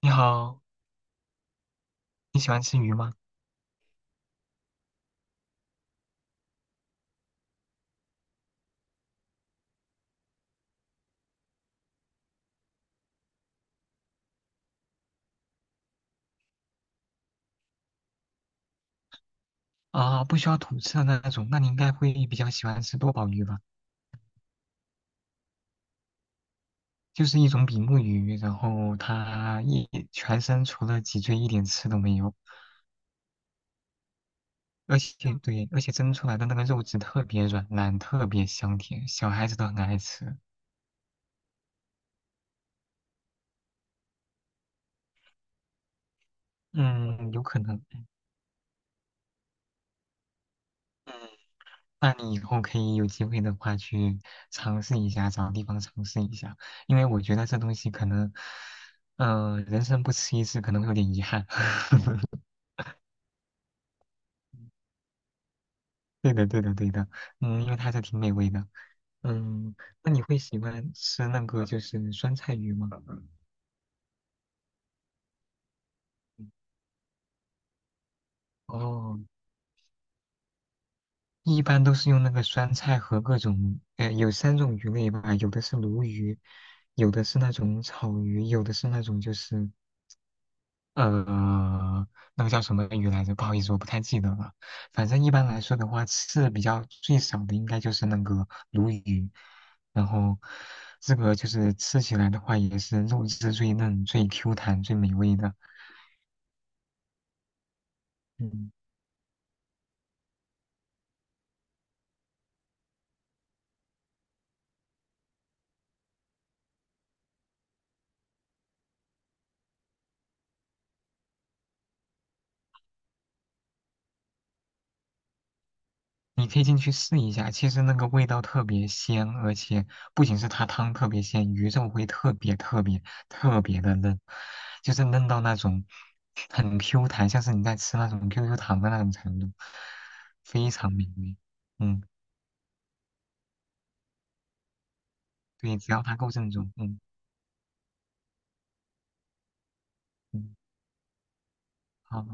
你好，你喜欢吃鱼吗？啊，不需要吐刺的那种，那你应该会比较喜欢吃多宝鱼吧？就是一种比目鱼，然后它一全身除了脊椎一点刺都没有，而且对，而且蒸出来的那个肉质特别软烂，特别香甜，小孩子都很爱吃。嗯，有可能。嗯，那你以后可以有机会的话去尝试一下，找地方尝试一下，因为我觉得这东西可能，嗯、人生不吃一次可能会有点遗憾。对的，对的，对的，嗯，因为它还是挺美味的，嗯，那你会喜欢吃那个就是酸菜鱼吗？哦，一般都是用那个酸菜和各种，有三种鱼类吧，有的是鲈鱼，有的是那种草鱼，有的是那种就是呃，那个叫什么鱼来着？不好意思，我不太记得了。反正一般来说的话，刺比较最少的应该就是那个鲈鱼，然后这个就是吃起来的话，也是肉质最嫩、最 Q 弹、最美味的。嗯。你可以进去试一下，其实那个味道特别鲜，而且不仅是它汤特别鲜，鱼肉会特别特别的嫩，就是嫩到那种很 Q 弹，像是你在吃那种 QQ 糖的那种程度，非常美味。嗯，对，只要它够正宗。嗯嗯，好，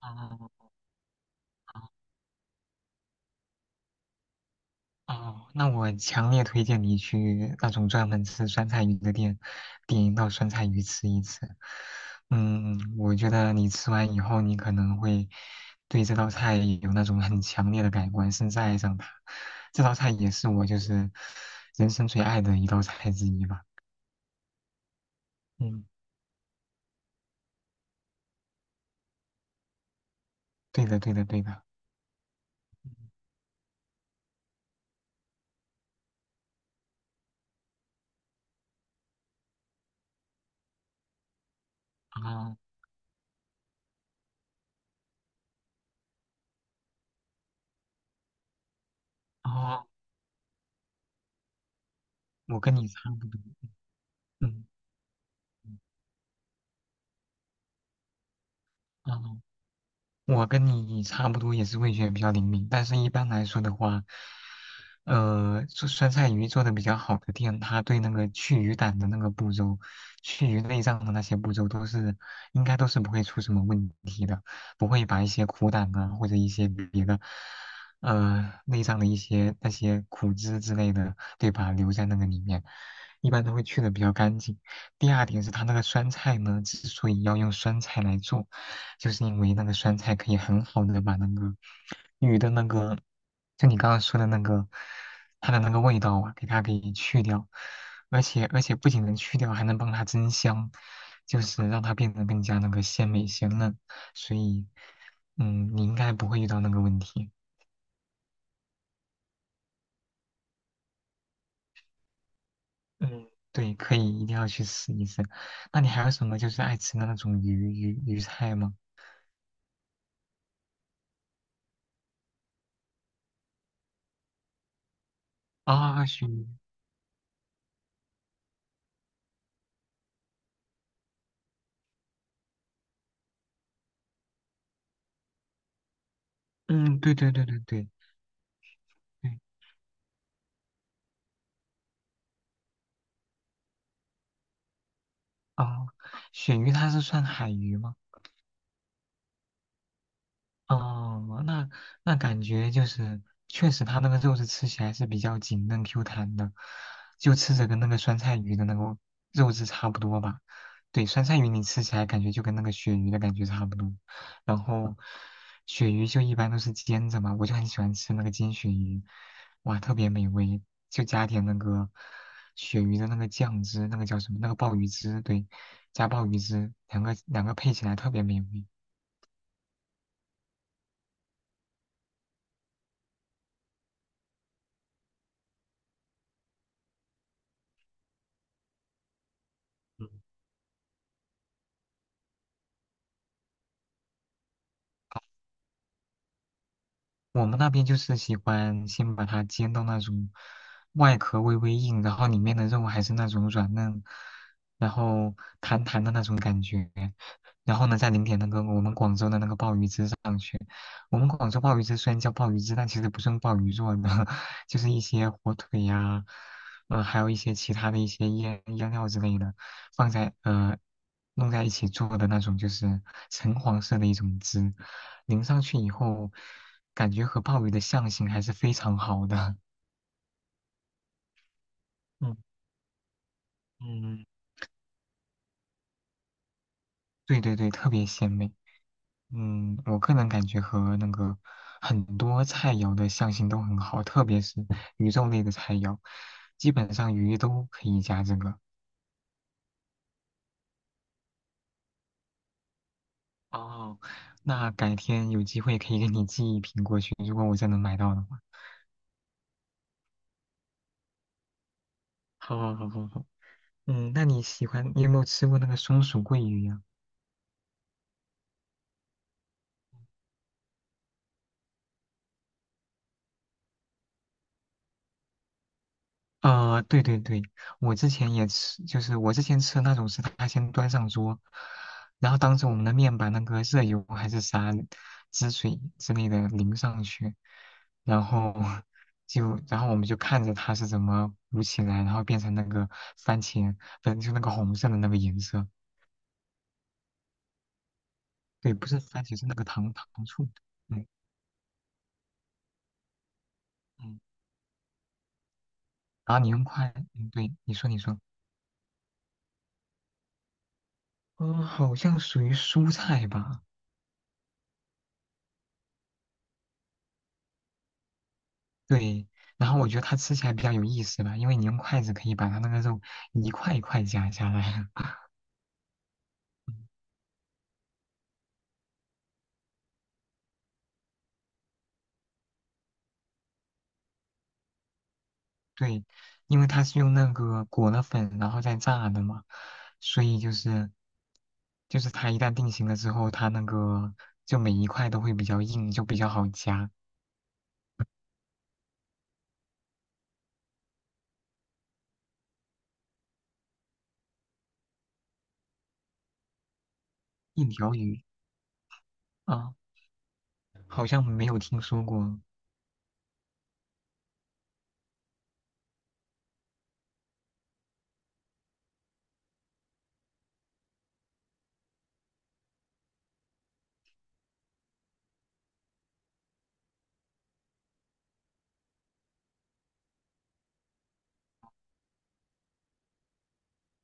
好好好。哦，那我强烈推荐你去那种专门吃酸菜鱼的店，点一道酸菜鱼吃一吃。嗯，我觉得你吃完以后，你可能会对这道菜有那种很强烈的改观，甚至爱上它。这道菜也是我就是人生最爱的一道菜之一吧。嗯，对的，对的，对的。啊，啊，我跟你差不多。嗯，嗯哦。我跟你差不多也是味觉比较灵敏，但是一般来说的话，做酸菜鱼做的比较好的店，它对那个去鱼胆的那个步骤、去鱼内脏的那些步骤都是应该都是不会出什么问题的，不会把一些苦胆啊或者一些别的呃内脏的一些那些苦汁之类的，对吧，留在那个里面，一般都会去的比较干净。第二点是它那个酸菜呢，之所以要用酸菜来做。就是因为那个酸菜可以很好的把那个鱼的那个，就你刚刚说的那个，它的那个味道啊，给它给去掉，而且不仅能去掉，还能帮它增香，就是让它变得更加那个鲜美鲜嫩，所以，嗯，你应该不会遇到那个问题，嗯，对，可以一定要去试一试。那你还有什么就是爱吃的那种鱼鱼菜吗？啊，鳕鱼，嗯，对对对对对对，啊，鳕鱼它是算海鱼吗？哦，那那感觉就是，确实它那个肉质吃起来是比较紧嫩 Q 弹的，就吃着跟那个酸菜鱼的那个肉质差不多吧。对，酸菜鱼你吃起来感觉就跟那个鳕鱼的感觉差不多，然后鳕鱼就一般都是煎着嘛，我就很喜欢吃那个煎鳕鱼，哇，特别美味，就加点那个鳕鱼的那个酱汁，那个叫什么？那个鲍鱼汁，对，加鲍鱼汁，两个配起来特别美味。我们那边就是喜欢先把它煎到那种外壳微微硬，然后里面的肉还是那种软嫩，然后弹弹的那种感觉。然后呢，再淋点那个我们广州的那个鲍鱼汁上去。我们广州鲍鱼汁虽然叫鲍鱼汁，但其实不是用鲍鱼做的，就是一些火腿呀、还有一些其他的一些腌腌料之类的，放在弄在一起做的那种，就是橙黄色的一种汁，淋上去以后，感觉和鲍鱼的相性还是非常好的。嗯嗯，对对对，特别鲜美。嗯，我个人感觉和那个很多菜肴的相性都很好，特别是鱼肉类的菜肴，基本上鱼都可以加这个。哦，那改天有机会可以给你寄一瓶过去，如果我真能买到的话。好好好好好，嗯，那你喜欢，你有没有吃过那个松鼠桂鱼呀？对对对，我之前也吃，就是我之前吃那种是他先端上桌，然后当着我们的面把那个热油还是啥汁水之类的淋上去，然后然后我们就看着它是怎么鼓起来，然后变成那个番茄，反正就那个红色的那个颜色，对，不是番茄是那个糖醋，嗯嗯，然后你用筷，嗯，对，你说，嗯、好像属于蔬菜吧。对，然后我觉得它吃起来比较有意思吧，因为你用筷子可以把它那个肉一块一块夹下来啊。对，因为它是用那个裹了粉然后再炸的嘛，所以就是它一旦定型了之后，它那个就每一块都会比较硬，就比较好夹。一条鱼啊，好像没有听说过。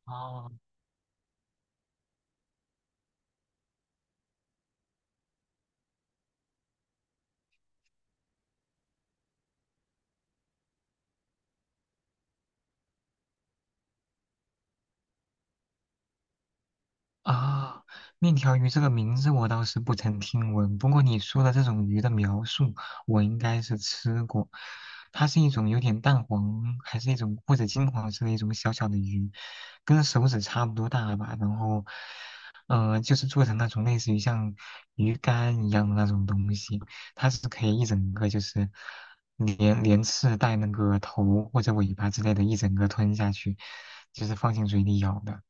哦啊，面条鱼这个名字我倒是不曾听闻，不过你说的这种鱼的描述，我应该是吃过。它是一种有点淡黄，还是一种或者金黄色的一种小小的鱼，跟手指差不多大吧。然后，就是做成那种类似于像鱼干一样的那种东西，它是可以一整个就是连刺带那个头或者尾巴之类的，一整个吞下去，就是放进嘴里咬的。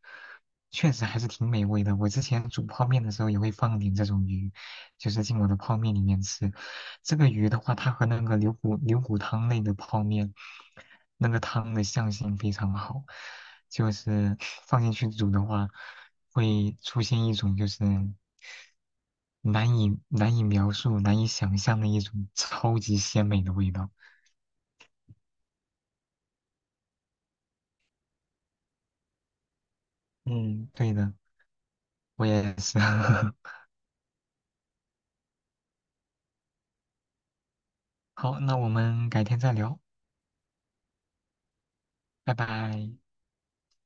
确实还是挺美味的。我之前煮泡面的时候也会放点这种鱼，就是进我的泡面里面吃。这个鱼的话，它和那个牛骨汤类的泡面，那个汤的相性非常好，就是 放进去煮的话，会出现一种就是难以描述、难以想象的一种超级鲜美的味道。嗯，对的，我也是。好，那我们改天再聊，拜拜。